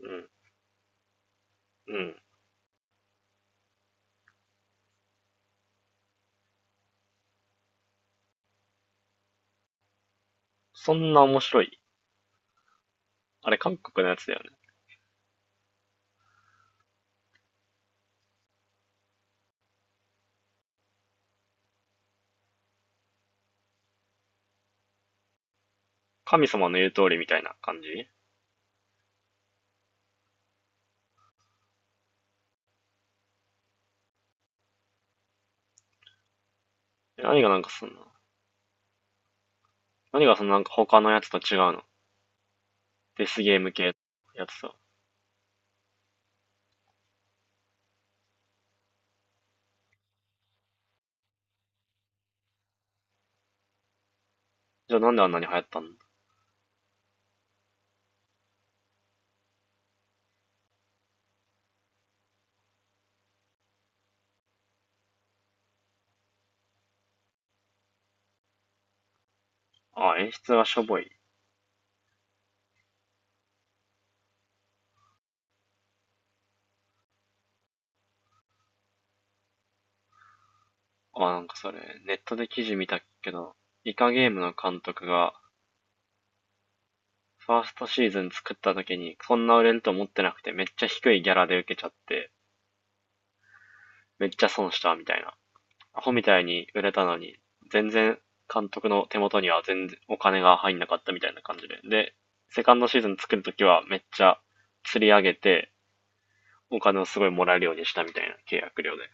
うん、うん。そんな面白い？あれ、韓国のやつだよね。神様の言う通りみたいな感じ。え、何が、なんかそんな、何がそんななんか他のやつと違うの？デスゲーム系のやつさ。じゃあなんであんなに流行ったんだ？あ、演出がしょぼい。あ、なんかそれ、ネットで記事見たけど、イカゲームの監督が、ファーストシーズン作った時に、そんな売れると思ってなくて、めっちゃ低いギャラで受けちゃって、めっちゃ損したみたいな。アホみたいに売れたのに、全然監督の手元には全然お金が入んなかったみたいな感じで。で、セカンドシーズン作るときはめっちゃ釣り上げて、お金をすごいもらえるようにしたみたいな契約料で。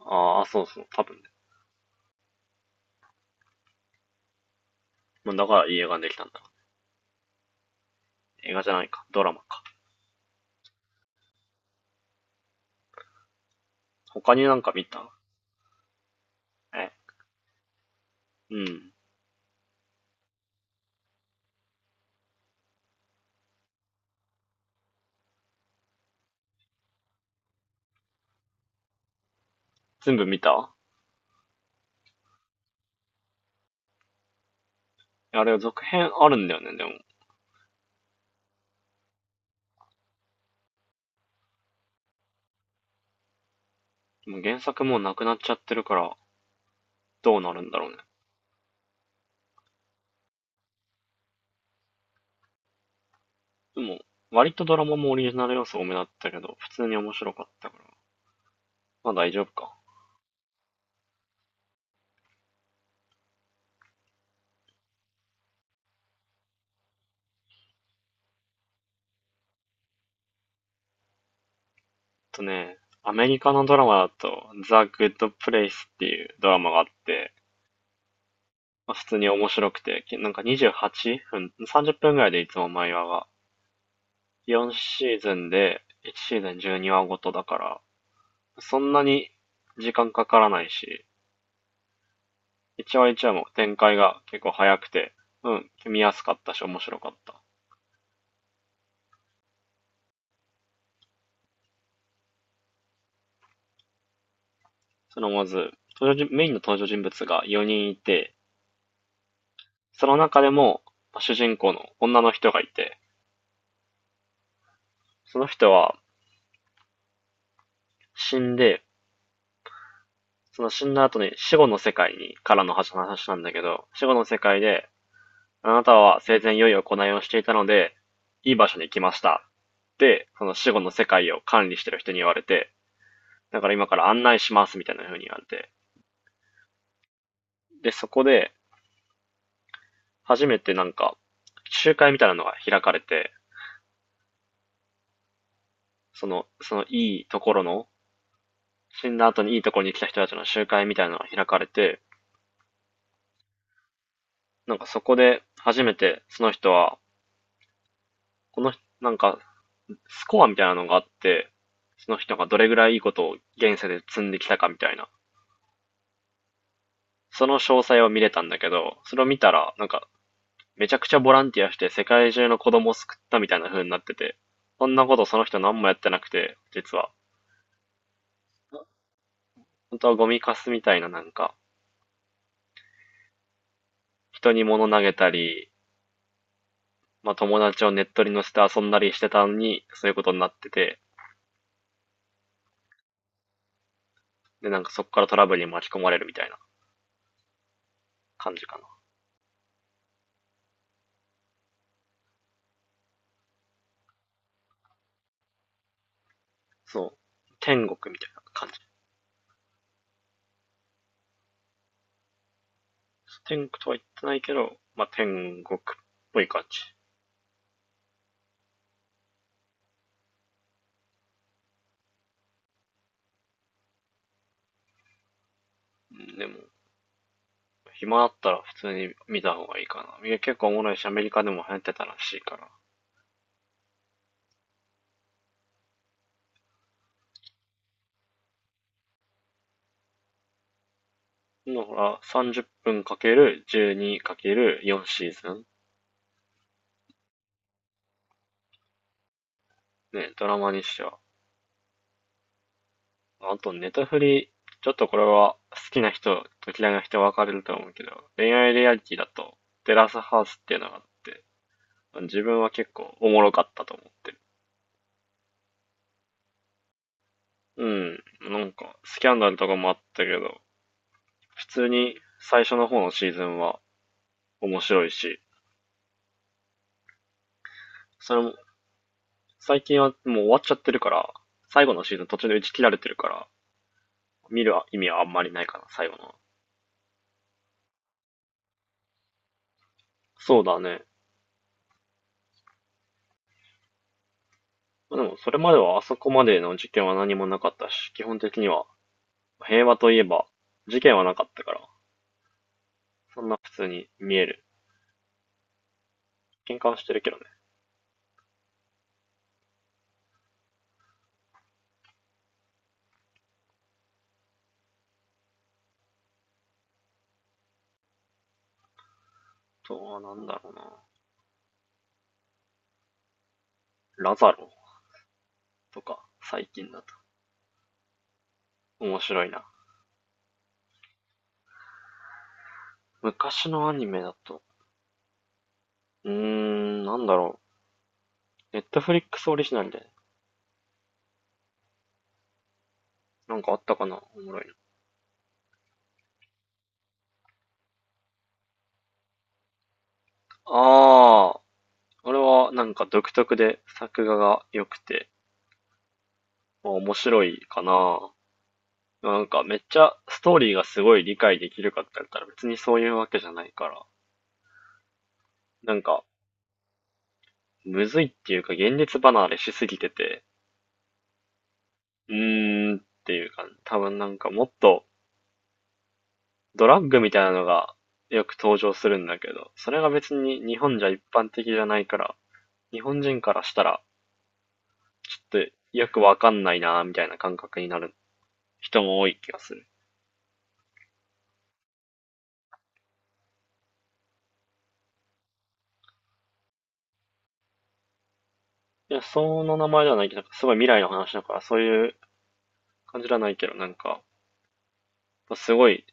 ああ、そうそう、多分ね。もうだからいい映画にできたんだ。映画じゃないか、ドラマか。他になんか見た？え、うん。全部見た？あれ、続編あるんだよね、でも。もう原作もうなくなっちゃってるから、どうなるんだろうね。でも、割とドラマもオリジナル要素多めだったけど、普通に面白かったから。まあ大丈夫か。あとね、アメリカのドラマだと、ザ・グッド・プレイスっていうドラマがあって、まあ、普通に面白くて、なんか28分、30分ぐらいでいつも毎話が。4シーズンで、1シーズン12話ごとだから、そんなに時間かからないし、1話1話も展開が結構早くて、うん、見やすかったし面白かった。そのまず、登場人メインの登場人物が4人いて、その中でも、主人公の女の人がいて、その人は死んで、その死んだ後に死後の世界に、からの話なんだけど、死後の世界で、あなたは生前良い行いをしていたので、いい場所に来ました。で、その死後の世界を管理してる人に言われて、だから今から案内しますみたいな風に言われて。で、そこで、初めてなんか、集会みたいなのが開かれて、そのいいところの、死んだ後にいいところに来た人たちの集会みたいなのが開かれて、なんかそこで初めてその人は、この、なんかスコアみたいなのがあって、その人がどれぐらいいいことを現世で積んできたかみたいな、その詳細を見れたんだけど、それを見たら、なんか、めちゃくちゃボランティアして世界中の子供を救ったみたいな風になってて、そんなことその人何もやってなくて、実は。本当はゴミカスみたいななんか、人に物投げたり、まあ友達をネットに乗せて遊んだりしてたのに、そういうことになってて、で、なんかそこからトラブルに巻き込まれるみたいな感じかな。そう。天国みたいな感じ。天国とは言ってないけど、まあ、天国っぽい感じ。でも、暇あったら普通に見た方がいいかな。いや、結構おもろいし、アメリカでも流行ってたらしいから。だから、30分かける12かける4シーズン。ね、ドラマにしては。あと、ネタフリ、ちょっとこれは好きな人と嫌いな人分かれると思うけど、恋愛リアリティだと、テラスハウスっていうのがあって、自分は結構おもろかったと思ってる。うん、なんか、スキャンダルとかもあったけど、普通に最初の方のシーズンは面白いし、それも、最近はもう終わっちゃってるから、最後のシーズン途中で打ち切られてるから、見る意味はあんまりないかな、最後の。そうだね。でも、それまではあそこまでの事件は何もなかったし、基本的には平和といえば事件はなかったから、そんな普通に見える。喧嘩はしてるけどね。あとはなんだろうな。ラザロとか、最近だと。面白いな。昔のアニメだと、なんだろう。ネットフリックスオリジナルで、なんかあったかなおもろいの。ああ、あれはなんか独特で作画が良くて、まあ、面白いかな。なんかめっちゃストーリーがすごい理解できるかって言ったら別にそういうわけじゃないから、なんかむずいっていうか現実離れしすぎてて、っていうか、多分なんかもっとドラッグみたいなのがよく登場するんだけど、それが別に日本じゃ一般的じゃないから、日本人からしたらちょっとよくわかんないなみたいな感覚になる。人も多い気がする。いや、その名前ではないけど、なんかすごい未来の話だから、そういう感じではないけど、なんか、すごい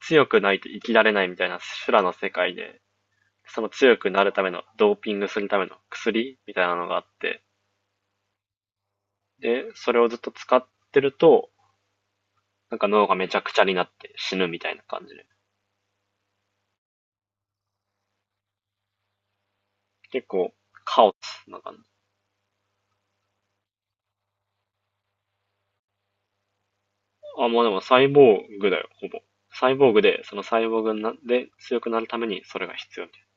強くないと生きられないみたいな修羅の世界で、その強くなるための、ドーピングするための薬みたいなのがあって、で、それをずっと使ってると、なんか脳がめちゃくちゃになって死ぬみたいな感じで。結構、カオスな感じ。あ、もうでもサイボーグだよ、ほぼ。サイボーグで、そのサイボーグで強くなるためにそれが必要みたいな。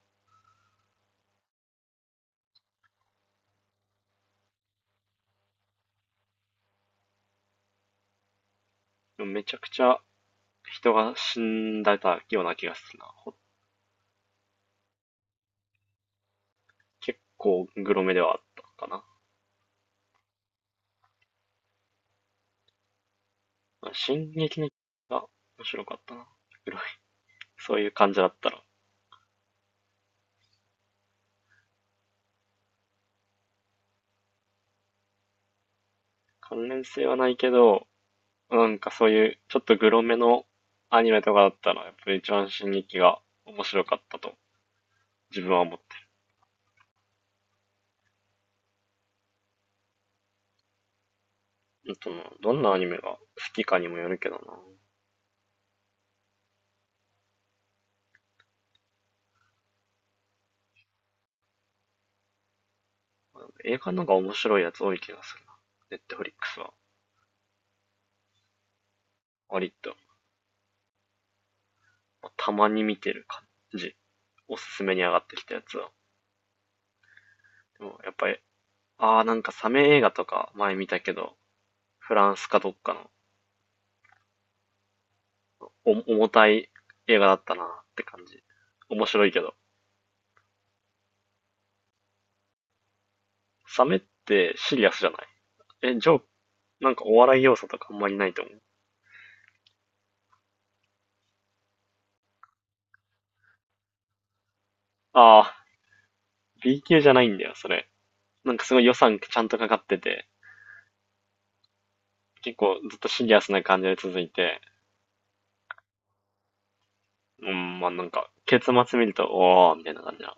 でもめちゃくちゃ人が死んだような気がするな。結構グロめではあったかな。進撃の巨人が面白かったな。グロい。そういう感じだったら。関連性はないけど、なんかそういうちょっとグロめのアニメとかだったら、やっぱり一番進撃が面白かったと自分は思ってる。どんなアニメが好きかにもよるけどな。映画の方が面白いやつ多い気がするな。ネットフリックスは。割と、たまに見てる感じ。おすすめに上がってきたやつは。でもやっぱり、ああ、なんかサメ映画とか前見たけど、フランスかどっかの重たい映画だったなって感じ。面白いけど。サメってシリアスじゃない？え、ジョーク、なんかお笑い要素とかあんまりないと思う。ああ、B 級じゃないんだよ、それ。なんかすごい予算ちゃんとかかってて、結構ずっとシリアスな感じで続いて、うん、まあなんか、結末見ると、おー、みたいな感じな。